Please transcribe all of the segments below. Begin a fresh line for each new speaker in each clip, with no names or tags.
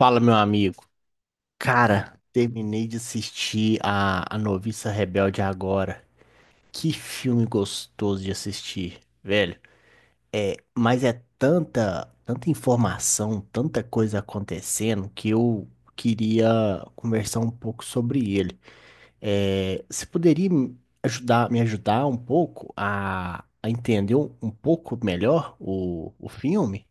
Fala, meu amigo. Cara, terminei de assistir a Noviça Rebelde agora. Que filme gostoso de assistir, velho. É, mas é tanta, tanta informação, tanta coisa acontecendo que eu queria conversar um pouco sobre ele. É, você poderia me ajudar um pouco a entender um pouco melhor o filme?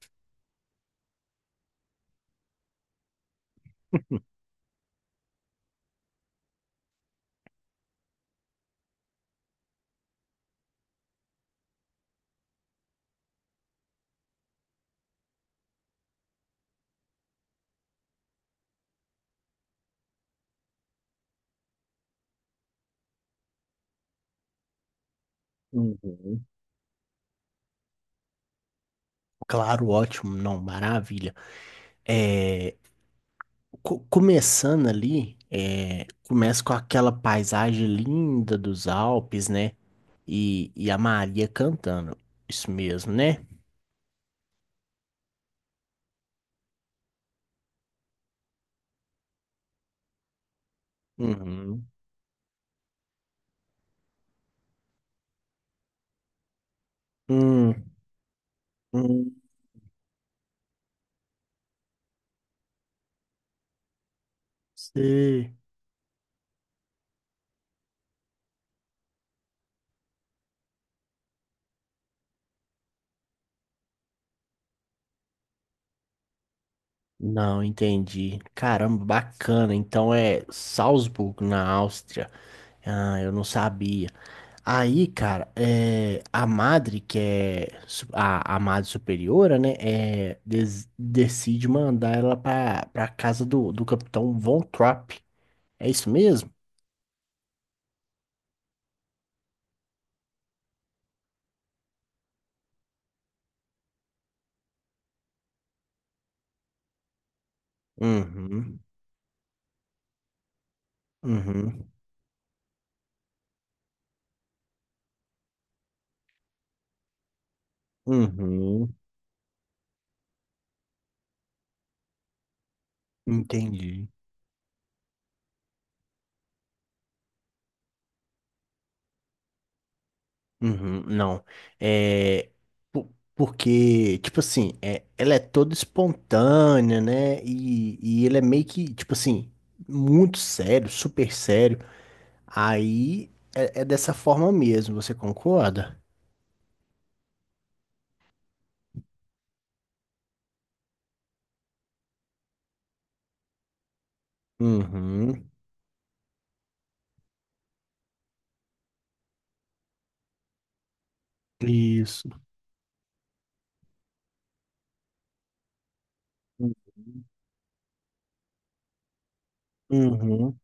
Uhum. Claro, ótimo, não, maravilha. É, começando ali, é, começa com aquela paisagem linda dos Alpes, né? E a Maria cantando. Isso mesmo, né? Uhum. Hum, hum, sei. Não, entendi. Caramba, bacana. Então é Salzburgo, na Áustria. Ah, eu não sabia. Aí, cara, é, a madre, que é a madre superiora, né, é, decide mandar ela pra, pra casa do, do capitão Von Trapp. É isso mesmo? Uhum, uhum, uhum, entendi. Uhum, não, é, porque, tipo assim, é, ela é toda espontânea, né, e ele é meio que, tipo assim, muito sério, super sério. Aí é, é dessa forma mesmo, você concorda? Uhum. Isso. Uhum.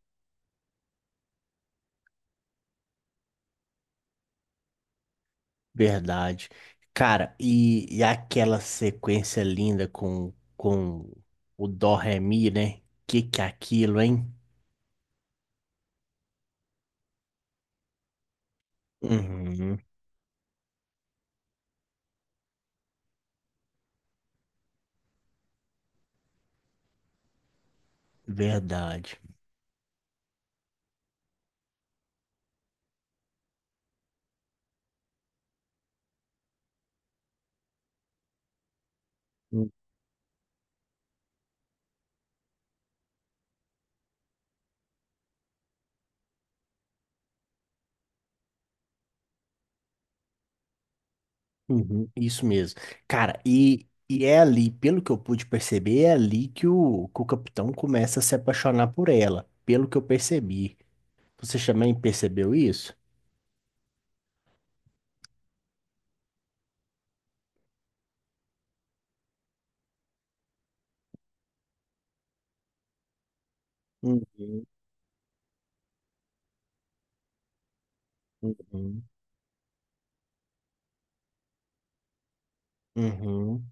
Verdade. Cara, e aquela sequência linda com o Dó Ré Mi, né? Que é aquilo, hein? Uhum. Verdade. Uhum, isso mesmo. Cara, e é ali, pelo que eu pude perceber, é ali que o capitão começa a se apaixonar por ela. Pelo que eu percebi. Você também percebeu isso? Uhum, uhum, uhum,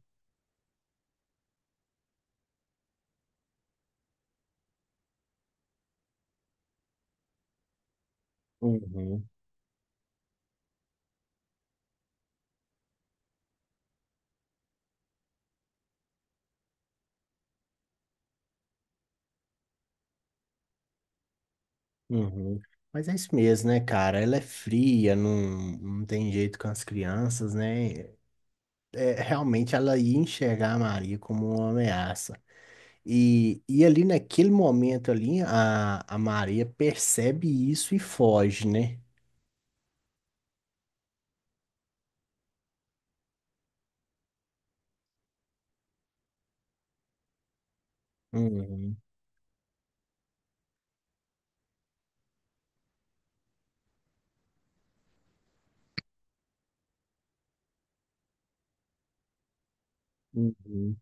uhum, uhum. Mas é isso mesmo, né, cara? Ela é fria, não, não tem jeito com as crianças, né? É, realmente ela ia enxergar a Maria como uma ameaça. E ali naquele momento ali, a Maria percebe isso e foge, né? Uhum, uhum,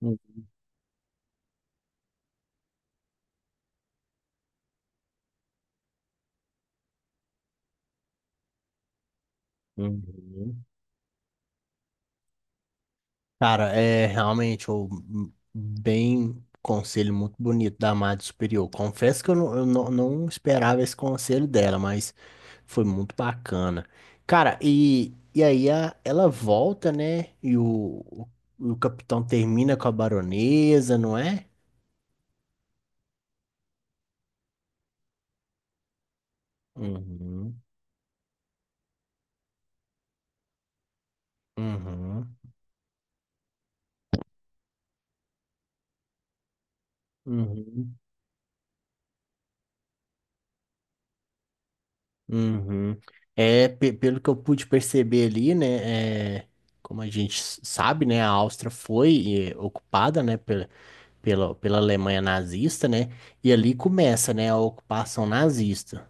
uhum, uhum. Cara, é realmente o bem conselho muito bonito da Amada Superior. Confesso que eu não, não esperava esse conselho dela, mas foi muito bacana. Cara, e aí ela volta, né? E o capitão termina com a baronesa, não é? Uhum, uhum, uhum, uhum. É, pelo que eu pude perceber ali, né? É, como a gente sabe, né? A Áustria foi ocupada, né? Pela Alemanha nazista, né? E ali começa, né, a ocupação nazista.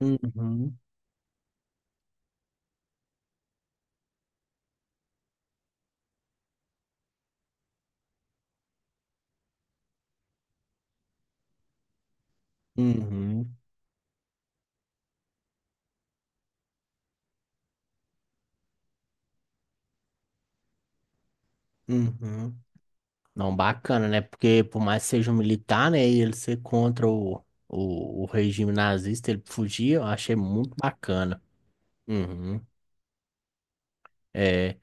Uhum, uhum, uhum. Não, bacana, né? Porque por mais que seja um militar, né, e ele ser contra o regime nazista, ele fugir, eu achei muito bacana. Uhum, é.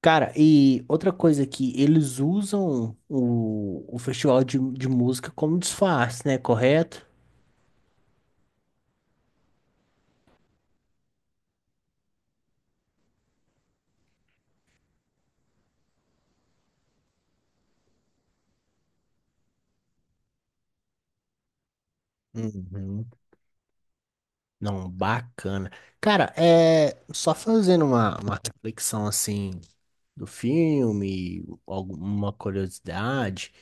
Cara, e outra coisa que eles usam o festival de música como disfarce, né? Correto? Uhum. Não, bacana. Cara, é só fazendo uma reflexão assim do filme, alguma curiosidade.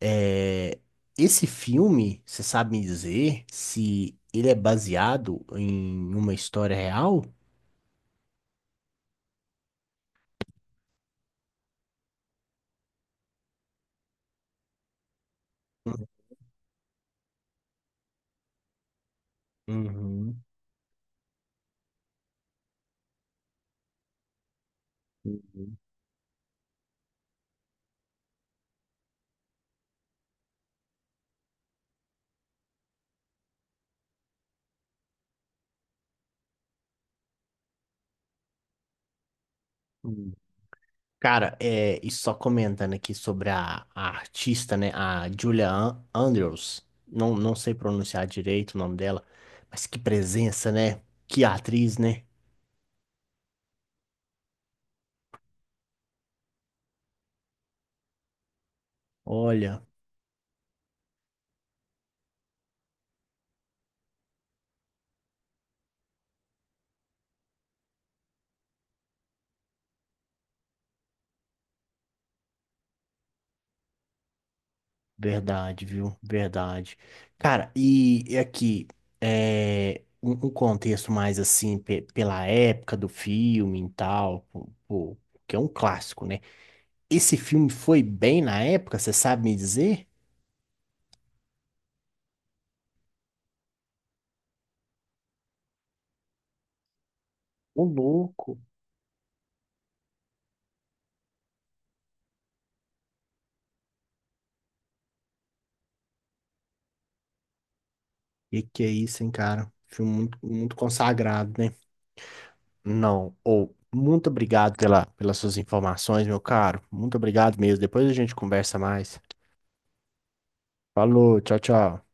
É, esse filme, você sabe me dizer se ele é baseado em uma história real? Uhum, uhum, uhum. Cara, é, e só comentando aqui sobre a artista, né? A Julia Andrews. Não, não sei pronunciar direito o nome dela, mas que presença, né? Que atriz, né? Olha, verdade, viu? Verdade. Cara, e aqui, é, um contexto mais assim, pela época do filme e tal, pô, pô, que é um clássico, né? Esse filme foi bem na época, você sabe me dizer? Ô, louco. E que é isso, hein, cara? Filme muito, muito consagrado, né? Não, ou muito obrigado pela, pelas suas informações, meu caro. Muito obrigado mesmo. Depois a gente conversa mais. Falou, tchau, tchau.